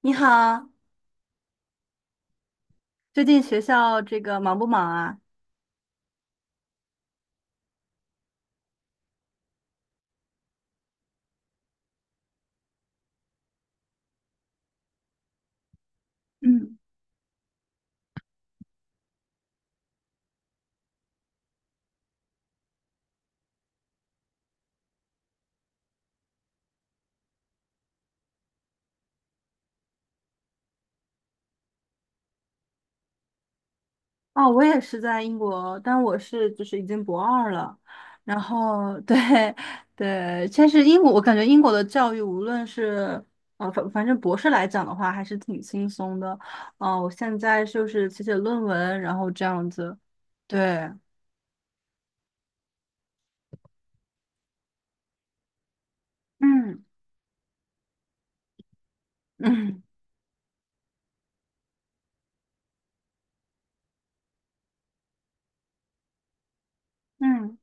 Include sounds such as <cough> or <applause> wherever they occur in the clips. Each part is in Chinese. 你好，最近学校这个忙不忙啊？嗯，哦，我也是在英国，但就是已经博二了。然后对 <laughs> 对，但是英国，我感觉英国的教育无论是呃反反正博士来讲的话，还是挺轻松的。哦，我现在就是写写论文，然后这样子。对，嗯嗯。嗯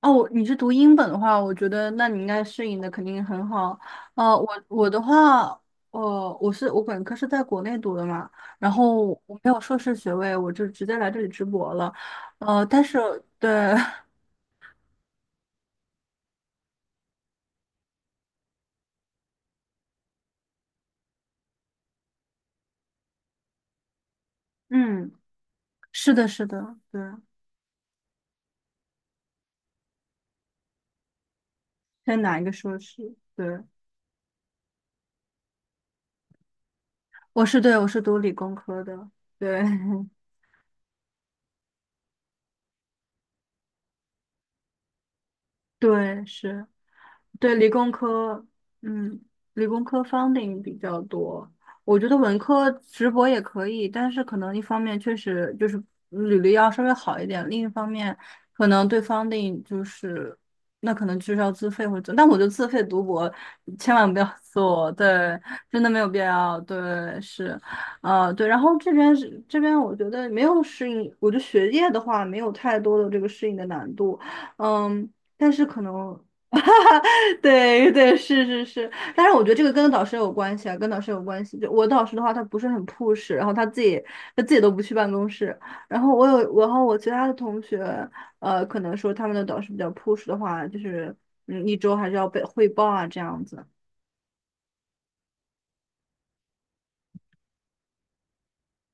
哦，你是读英本的话，我觉得那你应该适应的肯定很好。我的话，我本科是在国内读的嘛，然后我没有硕士学位，我就直接来这里直博了。但是对，<laughs> 嗯，是的，是的，对，在哪一个硕士，对，对，我是读理工科的，对 <laughs>，对，是。对，理工科，嗯，理工科 funding 比较多。我觉得文科直博也可以，但是可能一方面确实就是履历要稍微好一点，另一方面可能对 funding 就是那可能就是要自费或者怎，但我觉得自费读博千万不要做，对，真的没有必要，对，是，啊，对。然后这边是这边，我觉得没有适应，我觉得学业的话没有太多的这个适应的难度，嗯。但是可能 <laughs> 对对，是是是，但是我觉得这个跟导师有关系啊，跟导师有关系。就我的导师的话，他不是很 push，然后他自己都不去办公室。然后我有，然后我其他的同学，可能说他们的导师比较 push 的话，就是一周还是要被汇报啊，这样子，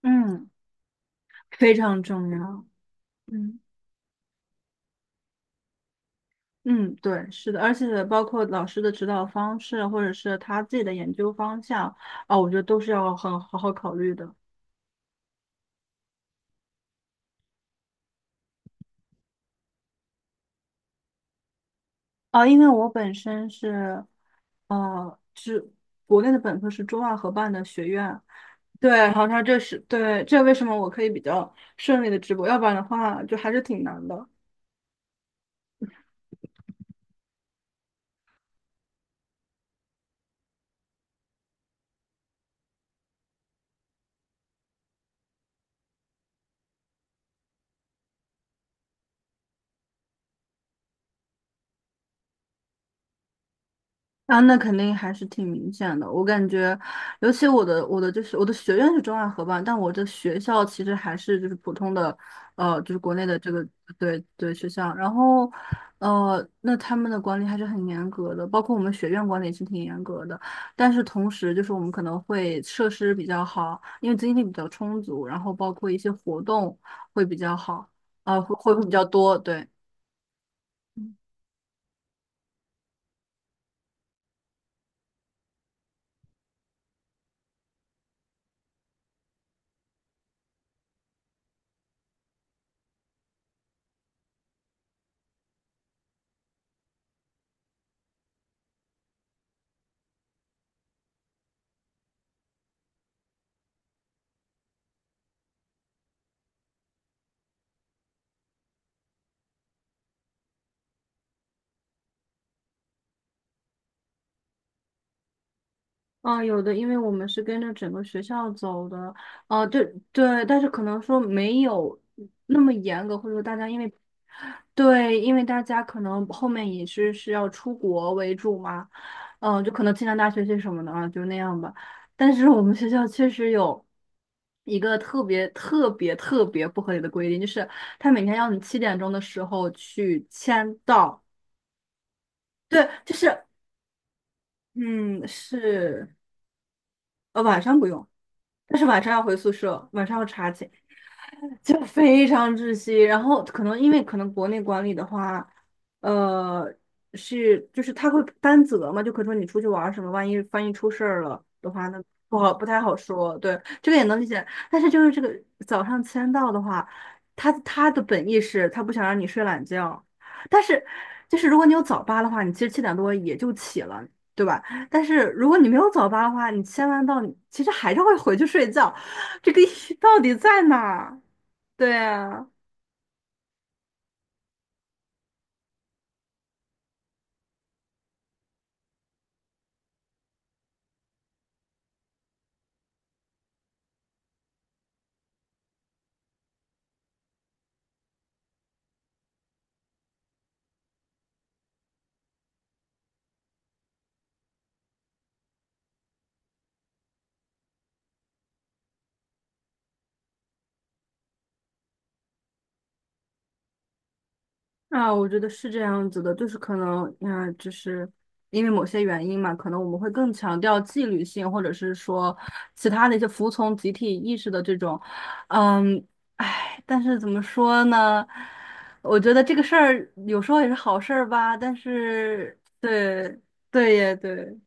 嗯，非常重要。嗯。嗯，对，是的，而且包括老师的指导方式，或者是他自己的研究方向啊，我觉得都是要很好好考虑的。啊，因为我本身是哦，是国内的本科是中外合办的学院，对，然后它这是对，这为什么我可以比较顺利的直播，要不然的话就还是挺难的。啊，那肯定还是挺明显的。我感觉，尤其我的就是我的学院是中外合办，但我的学校其实还是就是普通的，就是国内的这个对学校。然后，那他们的管理还是很严格的，包括我们学院管理也是挺严格的。但是同时，就是我们可能会设施比较好，因为经费比较充足，然后包括一些活动会比较好，啊，会比较多，对。啊，有的，因为我们是跟着整个学校走的，啊，对对，但是可能说没有那么严格，或者说大家因为，对，因为大家可能后面也是要出国为主嘛，嗯，就可能清华大学些什么的啊，就那样吧。但是我们学校确实有一个特别特别特别不合理的规定，就是他每天要你七点钟的时候去签到，对，就是嗯，是，晚上不用。但是晚上要回宿舍，晚上要查寝。就非常窒息。然后可能因为可能国内管理的话，呃，是就是他会担责嘛，就可以说你出去玩儿什么，万一出事儿了的话，那不好，不太好说。对，这个也能理解。但是就是这个早上签到的话，他的本意是他不想让你睡懒觉，但是就是如果你有早八的话，你其实七点多也就起了。对吧？但是如果你没有早八的话，你签完到，你其实还是会回去睡觉，这个意义到底在哪儿？对啊，啊，我觉得是这样子的，就是可能，啊，就是因为某些原因嘛，可能我们会更强调纪律性，或者是说其他的一些服从集体意识的这种，嗯，哎，但是怎么说呢？我觉得这个事儿有时候也是好事儿吧，但是对，对耶，对。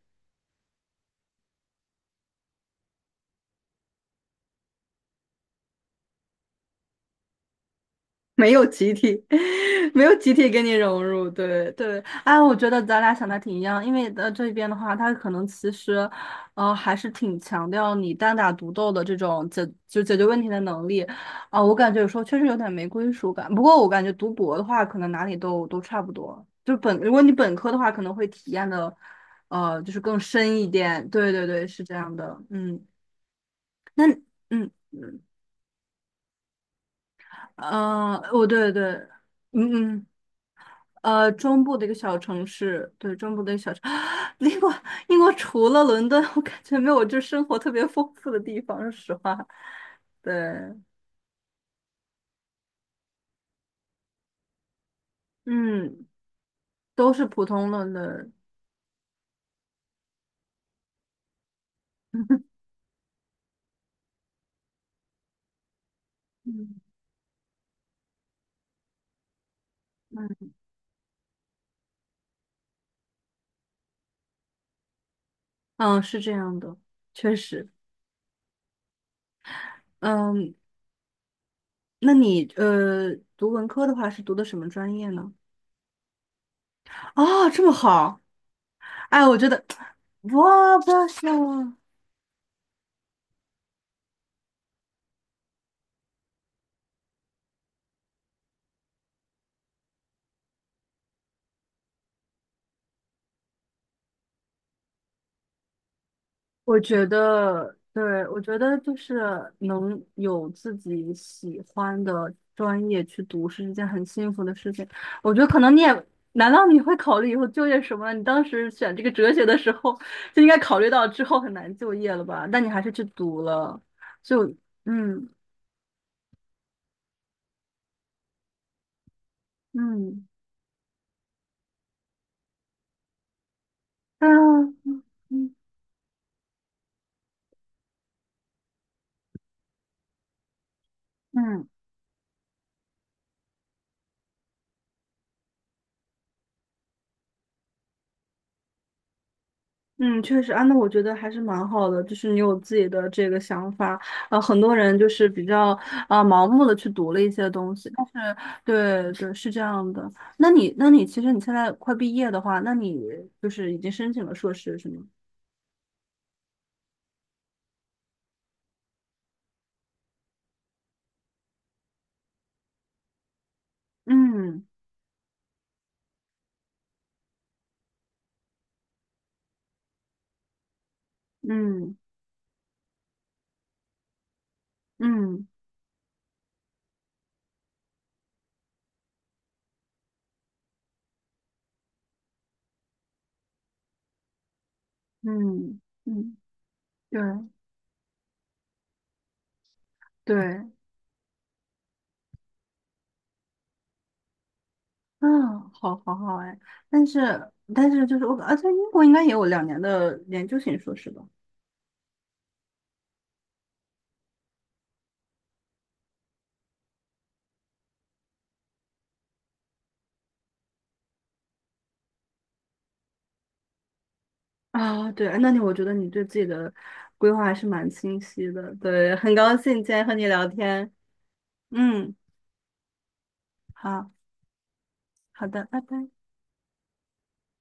没有集体，<laughs> 没有集体跟你融入，对对，哎，我觉得咱俩想的挺一样，因为这边的话，他可能其实，还是挺强调你单打独斗的这种解决问题的能力，啊，我感觉有时候确实有点没归属感。不过我感觉读博的话，可能哪里都差不多，就如果你本科的话，可能会体验的，就是更深一点。对对对，是这样的，嗯，那嗯嗯，对对，嗯嗯，中部的一个小城市，对，中部的一个小城，<gasps> <sucks teeth> 英国，英国除了伦敦，我感觉没有就生活特别丰富的地方，说实话，对，嗯，都是普通了的，<laughs> 嗯嗯嗯，是这样的，确实，嗯，那你读文科的话是读的什么专业呢？啊，这么好，哎，我觉得 <tsk>，哇，不行，我觉得，对，我觉得就是能有自己喜欢的专业去读是一件很幸福的事情。我觉得可能你也，难道你会考虑以后就业什么？你当时选这个哲学的时候，就应该考虑到之后很难就业了吧？但你还是去读了，就嗯嗯，但嗯嗯嗯。嗯，确实啊，那我觉得还是蛮好的，就是你有自己的这个想法，啊。很多人就是比较啊，盲目的去读了一些东西，但是对对是这样的。那你其实你现在快毕业的话，那你就是已经申请了硕士是吗？嗯嗯嗯嗯嗯，对对，嗯，好好好哎，但是而且英国应该也有两年的研究型硕士吧。啊，对，我觉得你对自己的规划还是蛮清晰的，对，很高兴今天和你聊天，嗯，好，好的，拜拜。